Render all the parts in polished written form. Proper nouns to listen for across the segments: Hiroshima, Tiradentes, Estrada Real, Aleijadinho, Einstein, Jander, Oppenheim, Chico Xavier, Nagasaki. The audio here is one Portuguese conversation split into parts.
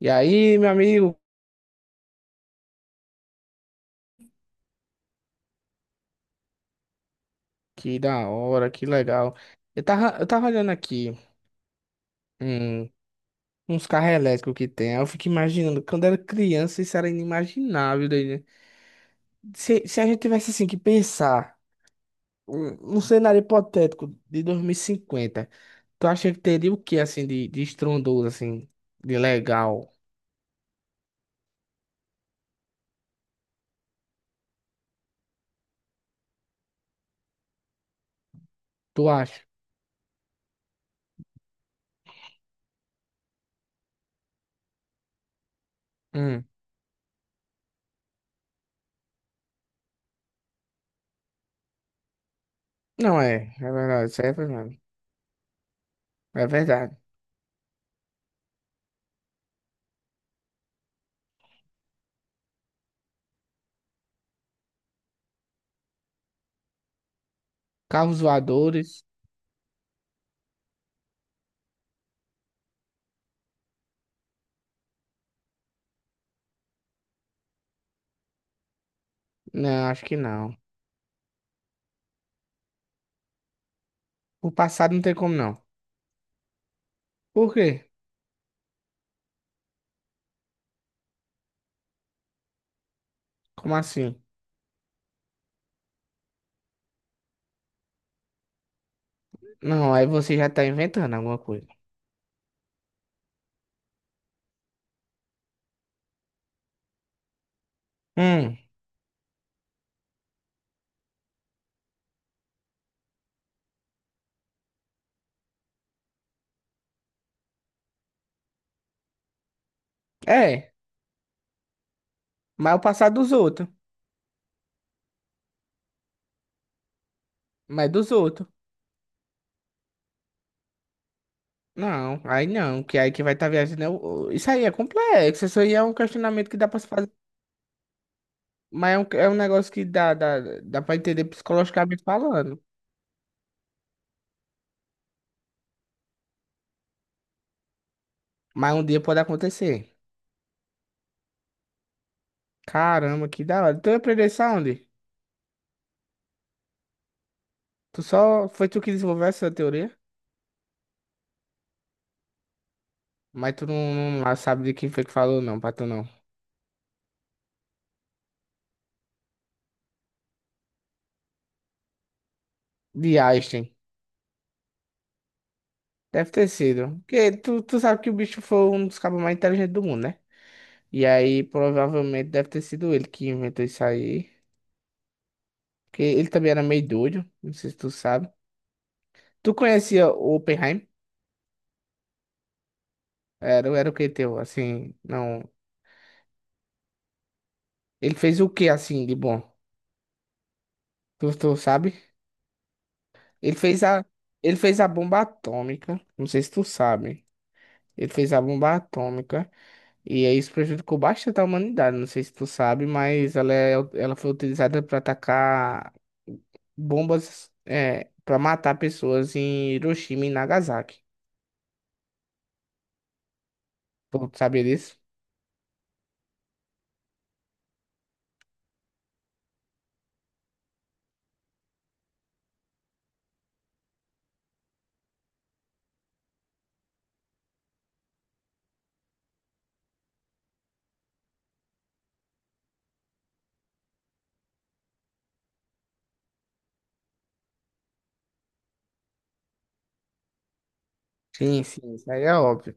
E aí, meu amigo, que da hora, que legal. Eu tava olhando aqui, hum, uns carros elétricos que tem. Aí Eu fico imaginando, quando era criança, isso era inimaginável. Daí, né? Se a gente tivesse assim que pensar, um cenário hipotético de 2050, tu acha que teria o que assim de estrondoso, assim, de legal? Tu acha? Hum. Não é, é verdade, isso aí é verdade. É verdade. Carros voadores? Não, acho que não. O passado não tem como não. Por quê? Como assim? Não, aí você já tá inventando alguma coisa. Hum, é. Mas é o passado dos outros. Mas é dos outros. Não, aí não, que aí que vai estar tá viajando. Isso aí é complexo. Isso aí é um questionamento que dá pra se fazer. Mas é é um negócio que dá pra entender psicologicamente falando. Mas um dia pode acontecer. Caramba, que da hora. Tu aprendeu isso aonde? Tu só. Foi tu que desenvolveu essa teoria? Mas tu não, não sabe de quem foi que falou, não, pra tu não. De Einstein. Deve ter sido. Porque tu sabe que o bicho foi um dos cabos mais inteligentes do mundo, né? E aí, provavelmente, deve ter sido ele que inventou isso aí. Porque ele também era meio doido, não sei se tu sabe. Tu conhecia o Oppenheim? Era, era o que teu, assim, não... Ele fez o que, assim, de bom? Tu sabe? Ele fez a... Ele fez a bomba atômica, não sei se tu sabe. Ele fez a bomba atômica. E aí isso prejudicou bastante a humanidade. Não sei se tu sabe, mas ela, é, ela foi utilizada para atacar bombas é, para matar pessoas em Hiroshima e Nagasaki. Tu sabia disso? Sim, sim, isso aí é óbvio.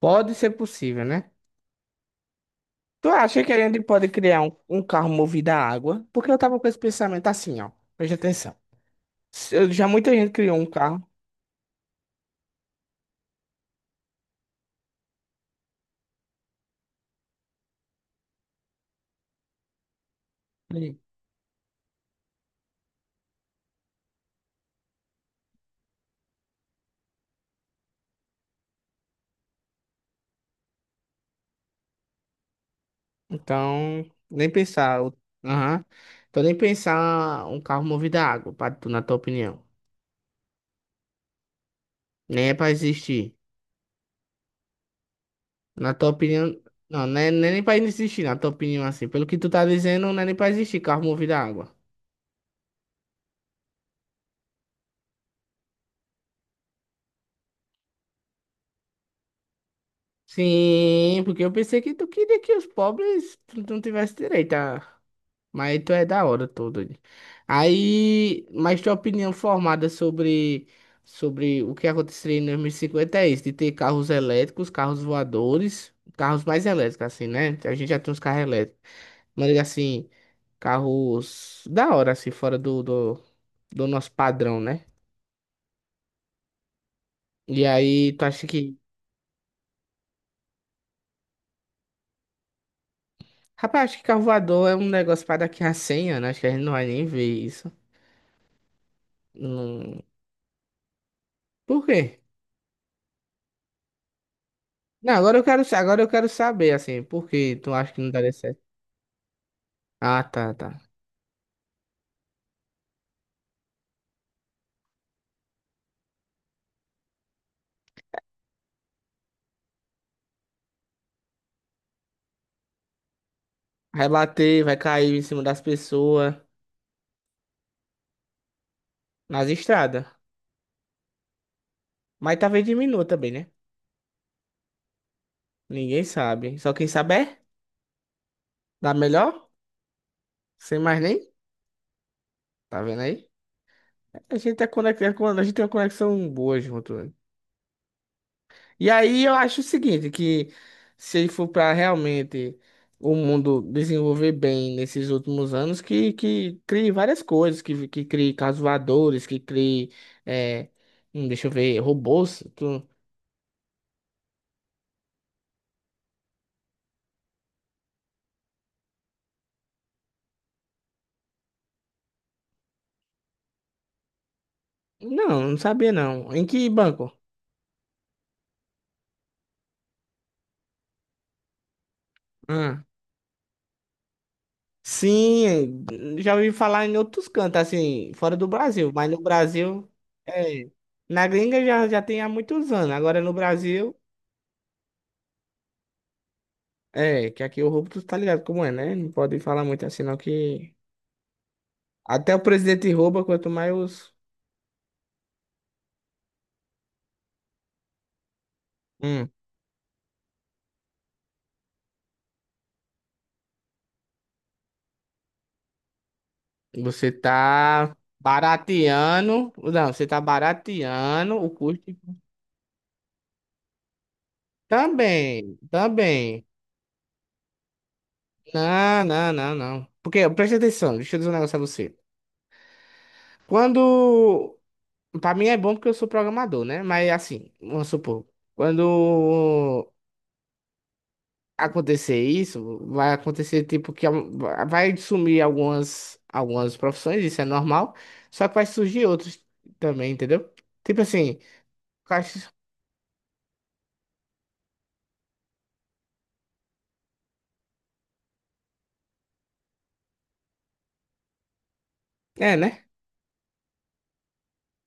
Pode ser possível, né? Tu acha que a gente pode criar um carro movido a água? Porque eu tava com esse pensamento assim, ó. Preste atenção. Já muita gente criou um carro. Então, nem pensar. Aham. Então, nem pensar um carro movido a água, pra tu, na tua opinião. Nem é pra existir. Na tua opinião. Não, não é, não é nem pra existir, na tua opinião, assim. Pelo que tu tá dizendo, não é nem pra existir carro movido a água. Sim, porque eu pensei que tu queria que os pobres tu não tivesse direito a. Mas tu é da hora todo. Aí, mas tua opinião formada sobre o que aconteceria em 2050 é isso, de ter carros elétricos, carros voadores, carros mais elétricos, assim, né? A gente já tem uns carros elétricos. Mas assim, carros da hora, assim, do nosso padrão, né? E aí, tu acha que. Rapaz, acho que carro voador é um negócio para daqui a 100 anos. Acho que a gente não vai nem ver isso. Não... Por quê? Não, agora eu quero, agora eu quero saber, assim, por que tu acha que não daria certo? Ah, tá, tá. Vai bater, vai cair em cima das pessoas, nas estradas. Mas talvez diminua também, né? Ninguém sabe. Só quem sabe é, dá melhor, sem mais nem. Tá vendo aí? A gente é conectado, a gente tem uma conexão boa junto, né? E aí eu acho o seguinte, que se ele for para realmente o mundo desenvolver bem nesses últimos anos, que crie várias coisas, que crie carros voadores, que crie, é, deixa eu ver, robôs. Não, não sabia não. Em que banco? Ah, sim, já ouvi falar em outros cantos, assim, fora do Brasil, mas no Brasil, é, na gringa já tem há muitos anos, agora no Brasil... É, que aqui o roubo tu tá ligado como é, né? Não pode falar muito assim, não, que. Até o presidente rouba, quanto mais os. Hum, você tá barateando. Não, você tá barateando o custo. Também, também. Não, não, não, não. Porque, presta atenção, deixa eu dizer um negócio a você. Quando. Pra mim é bom porque eu sou programador, né? Mas assim, vamos supor. Quando acontecer isso, vai acontecer tipo que vai sumir algumas profissões, isso é normal, só que vai surgir outras também, entendeu? Tipo assim, caixa- é, né?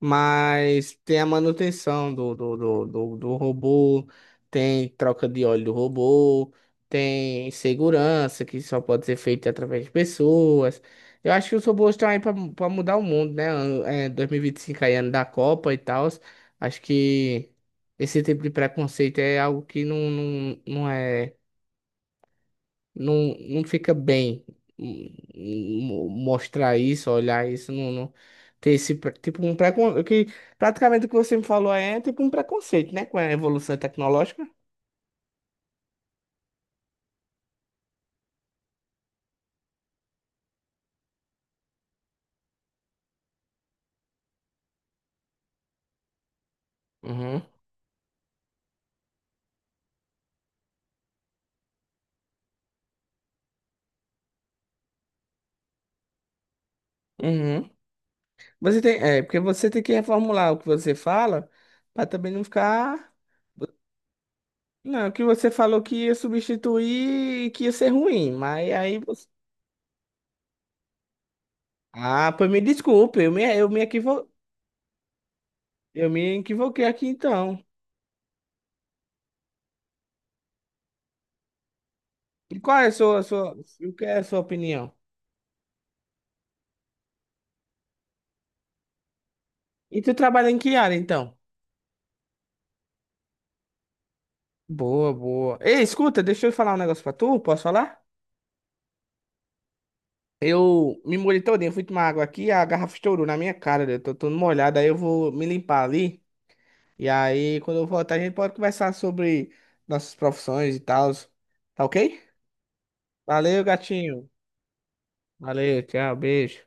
Mas tem a manutenção do robô, tem troca de óleo do robô, tem segurança que só pode ser feita através de pessoas. Eu acho que os robôs estão aí para mudar o mundo, né? É, 2025 aí, ano da Copa e tal. Acho que esse tipo de preconceito é algo que não é não fica bem hum, mostrar isso, olhar isso, ter esse tipo um preconceito, que praticamente o que você me falou aí é tipo um preconceito, né, com a evolução tecnológica. Uhum, uhum. Você tem, é, porque você tem que reformular o que você fala para também não ficar. Não, o que você falou que ia substituir e que ia ser ruim, mas aí você... Ah, pois me desculpe, eu me equivo... eu me equivoquei aqui então. E qual é a o que é a sua opinião? E tu trabalha em que área, então? Boa, boa. Ei, escuta, deixa eu falar um negócio pra tu, posso falar? Eu me molhei todinho, fui tomar água aqui, a garrafa estourou na minha cara, eu tô todo molhado, aí eu vou me limpar ali. E aí, quando eu voltar, a gente pode conversar sobre nossas profissões e tal. Tá ok? Valeu, gatinho. Valeu, tchau, beijo.